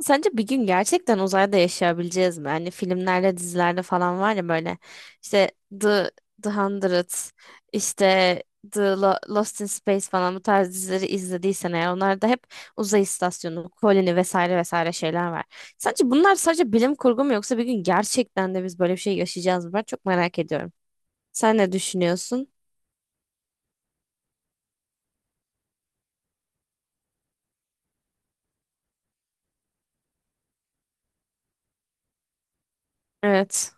Sence bir gün gerçekten uzayda yaşayabileceğiz mi? Hani filmlerde, dizilerde falan var ya böyle işte The, The Hundred, işte Lost in Space falan bu tarz dizileri izlediysen eğer onlarda hep uzay istasyonu, koloni vesaire vesaire şeyler var. Sence bunlar sadece bilim kurgu mu yoksa bir gün gerçekten de biz böyle bir şey yaşayacağız mı? Ben çok merak ediyorum. Sen ne düşünüyorsun? Evet.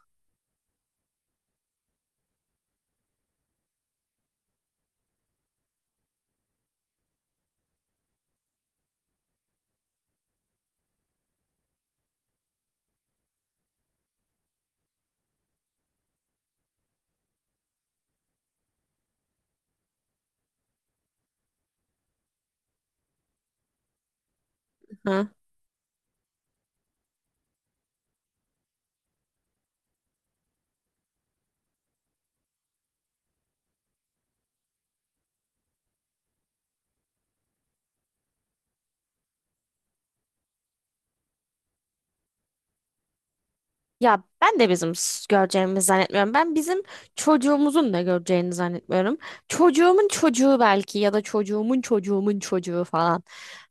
Ya ben de bizim göreceğimizi zannetmiyorum. Ben bizim çocuğumuzun da göreceğini zannetmiyorum. Çocuğumun çocuğu belki ya da çocuğumun çocuğu falan.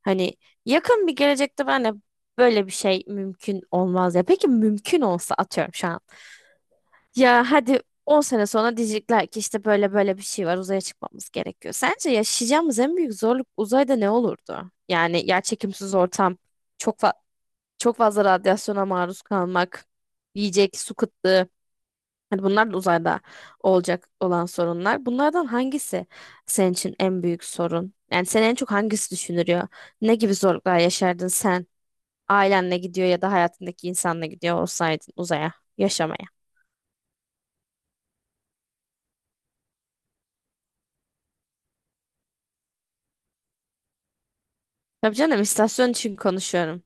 Hani yakın bir gelecekte ben de böyle bir şey mümkün olmaz ya. Peki mümkün olsa atıyorum şu an. Ya hadi 10 sene sonra diyecekler ki işte böyle böyle bir şey var, uzaya çıkmamız gerekiyor. Sence yaşayacağımız en büyük zorluk uzayda ne olurdu? Yani yerçekimsiz ortam, çok fa- çok fazla radyasyona maruz kalmak, yiyecek, su kıtlığı. Hani bunlar da uzayda olacak olan sorunlar. Bunlardan hangisi senin için en büyük sorun? Yani seni en çok hangisi düşündürüyor? Ne gibi zorluklar yaşardın sen? Ailenle gidiyor ya da hayatındaki insanla gidiyor olsaydın uzaya yaşamaya. Tabii canım, istasyon için konuşuyorum.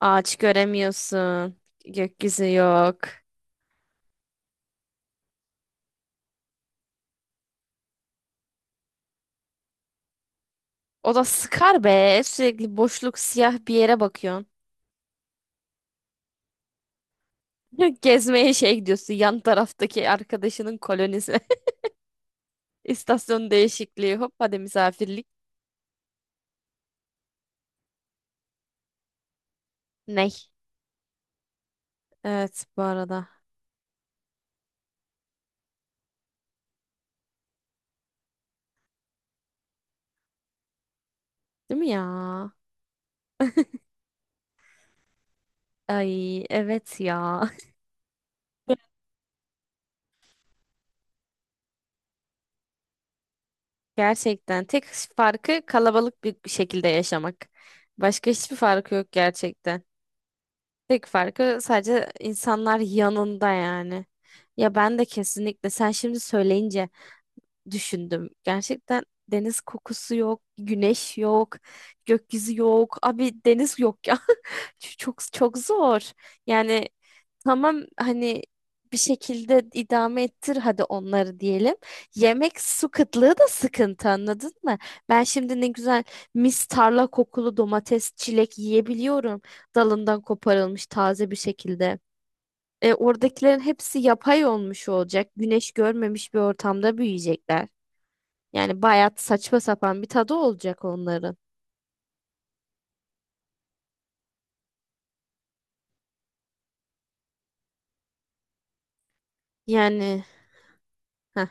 Ağaç göremiyorsun. Gökyüzü yok. O da sıkar be. Sürekli boşluk, siyah bir yere bakıyorsun. Gezmeye şey gidiyorsun, yan taraftaki arkadaşının kolonisi. İstasyon değişikliği, hop hadi misafirlik. Ney? Evet, bu arada. Değil mi ya? Ay, evet ya. Gerçekten tek farkı kalabalık bir şekilde yaşamak. Başka hiçbir farkı yok gerçekten. Tek farkı sadece insanlar yanında yani. Ya ben de kesinlikle sen şimdi söyleyince düşündüm. Gerçekten deniz kokusu yok, güneş yok, gökyüzü yok. Abi deniz yok ya. Çok çok zor. Yani tamam hani, bir şekilde idame ettir hadi onları diyelim. Yemek, su kıtlığı da sıkıntı, anladın mı? Ben şimdi ne güzel mis tarla kokulu domates, çilek yiyebiliyorum. Dalından koparılmış taze bir şekilde. Oradakilerin hepsi yapay olmuş olacak. Güneş görmemiş bir ortamda büyüyecekler. Yani bayağı saçma sapan bir tadı olacak onların. Yani heh,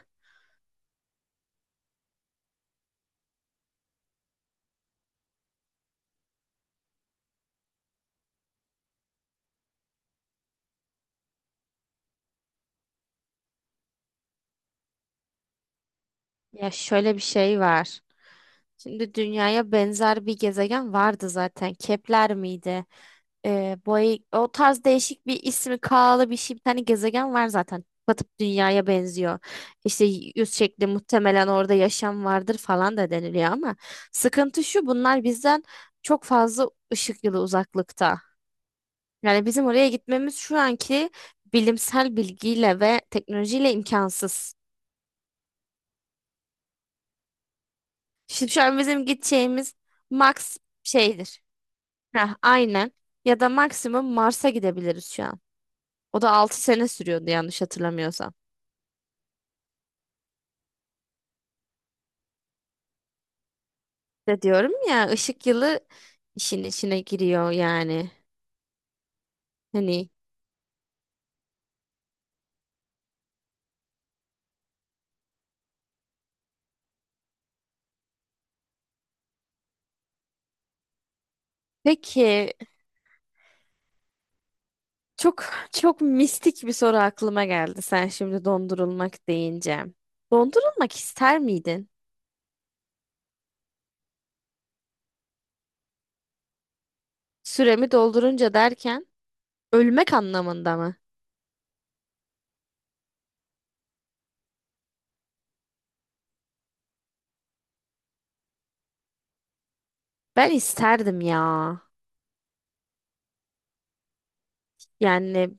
ya şöyle bir şey var. Şimdi dünyaya benzer bir gezegen vardı zaten. Kepler miydi? O tarz değişik bir ismi, K'lı bir şey, bir tane gezegen var zaten. Batıp dünyaya benziyor. İşte yüz şekli, muhtemelen orada yaşam vardır falan da deniliyor ama sıkıntı şu, bunlar bizden çok fazla ışık yılı uzaklıkta. Yani bizim oraya gitmemiz şu anki bilimsel bilgiyle ve teknolojiyle imkansız. Şimdi şu an bizim gideceğimiz max şeydir. Aynen. Ya da maksimum Mars'a gidebiliriz şu an. O da 6 sene sürüyordu yanlış hatırlamıyorsam. De diyorum ya, ışık yılı işin içine giriyor yani. Hani peki, çok çok mistik bir soru aklıma geldi sen şimdi dondurulmak deyince. Dondurulmak ister miydin? Süremi doldurunca derken ölmek anlamında mı? Ben isterdim ya. Yani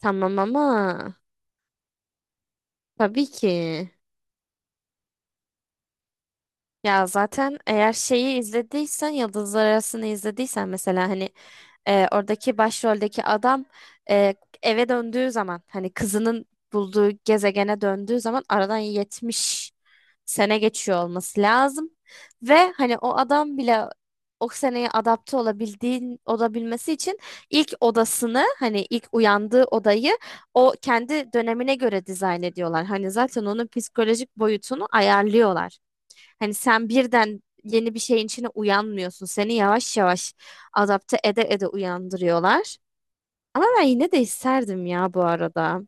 tamam ama tabii ki. Ya zaten eğer şeyi izlediysen, Yıldızlar Arası'nı izlediysen mesela, hani oradaki başroldeki adam, e, eve döndüğü zaman, hani kızının bulduğu gezegene döndüğü zaman aradan 70 sene geçiyor olması lazım. Ve hani o adam bile o seneye adapte olabilmesi için ilk odasını, hani ilk uyandığı odayı, o kendi dönemine göre dizayn ediyorlar. Hani zaten onun psikolojik boyutunu ayarlıyorlar. Hani sen birden yeni bir şeyin içine uyanmıyorsun. Seni yavaş yavaş adapte ede ede uyandırıyorlar. Ama ben yine de isterdim ya, bu arada.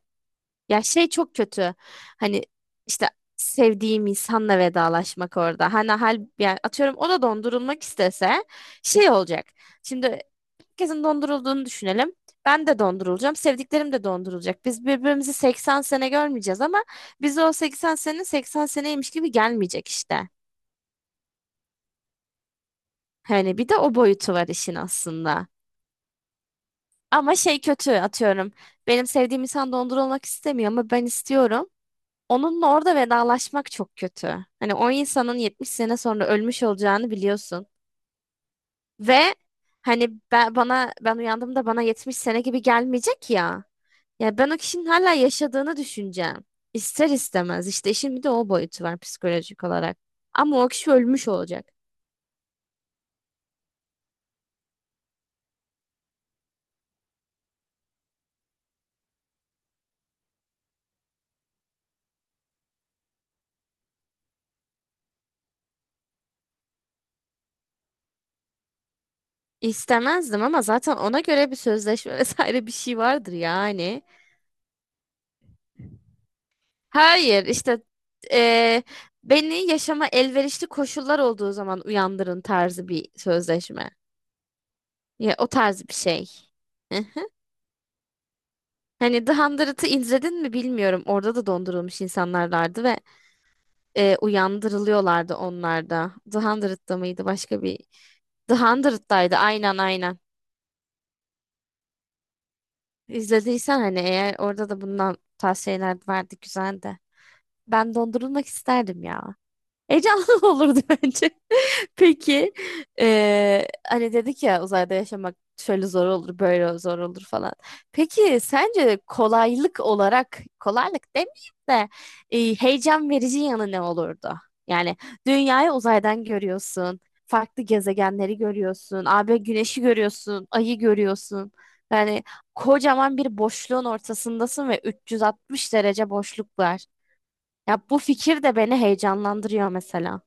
Ya şey çok kötü. Hani işte sevdiğim insanla vedalaşmak orada. Hani yani, atıyorum o da dondurulmak istese şey olacak. Şimdi herkesin dondurulduğunu düşünelim. Ben de dondurulacağım. Sevdiklerim de dondurulacak. Biz birbirimizi 80 sene görmeyeceğiz ama bize o 80 sene 80 seneymiş gibi gelmeyecek işte. Hani bir de o boyutu var işin aslında. Ama şey kötü, atıyorum. Benim sevdiğim insan dondurulmak istemiyor ama ben istiyorum. Onunla orada vedalaşmak çok kötü. Hani o insanın 70 sene sonra ölmüş olacağını biliyorsun. Ve hani bana, ben uyandığımda bana 70 sene gibi gelmeyecek ya. Ya ben o kişinin hala yaşadığını düşüneceğim. İster istemez. İşte işin bir de o boyutu var psikolojik olarak. Ama o kişi ölmüş olacak. İstemezdim ama zaten ona göre bir sözleşme vesaire bir şey vardır yani. Hayır işte, eee, beni yaşama elverişli koşullar olduğu zaman uyandırın tarzı bir sözleşme. Ya o tarz bir şey. Hani The Hundred'ı izledin mi bilmiyorum. Orada da dondurulmuş insanlarlardı ve uyandırılıyorlardı onlar da. The Hundred'da mıydı, başka bir? The Hundred'daydı, aynen aynen. İzlediysen hani, eğer orada da bundan tavsiyeler vardı güzel de. Ben dondurulmak isterdim ya. Heyecanlı olurdu bence. Peki, hani dedik ya, uzayda yaşamak şöyle zor olur, böyle zor olur falan. Peki sence kolaylık olarak, kolaylık demeyeyim de heyecan verici yanı ne olurdu? Yani dünyayı uzaydan görüyorsun, farklı gezegenleri görüyorsun, abi güneşi görüyorsun, ayı görüyorsun. Yani kocaman bir boşluğun ortasındasın ve 360 derece boşluk var. Ya bu fikir de beni heyecanlandırıyor mesela.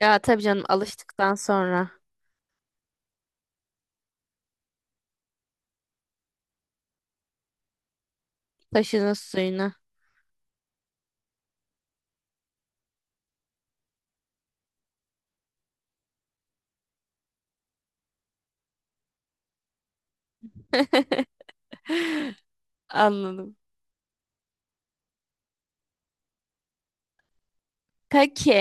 Ya tabii canım, alıştıktan sonra taşının suyunu. Anladım. Peki,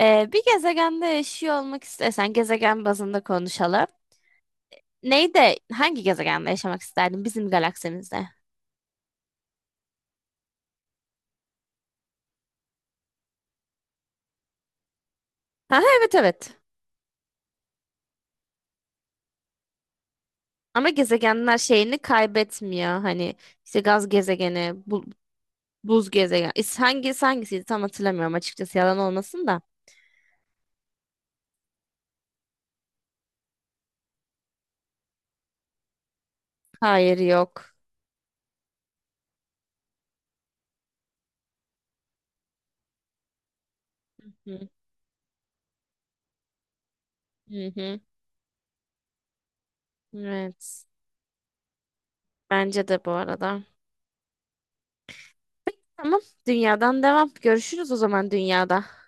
bir gezegende yaşıyor olmak istesen, gezegen bazında konuşalım. Neyde, hangi gezegende yaşamak isterdin bizim galaksimizde? Ha, evet evet. Ama gezegenler şeyini kaybetmiyor. Hani işte gaz gezegeni, buz gezegen. Hangisi hangisiydi tam hatırlamıyorum açıkçası, yalan olmasın da. Hayır, yok. Hı hı. Hı. Evet. Bence de bu arada. Tamam. Dünyadan devam. Görüşürüz o zaman dünyada.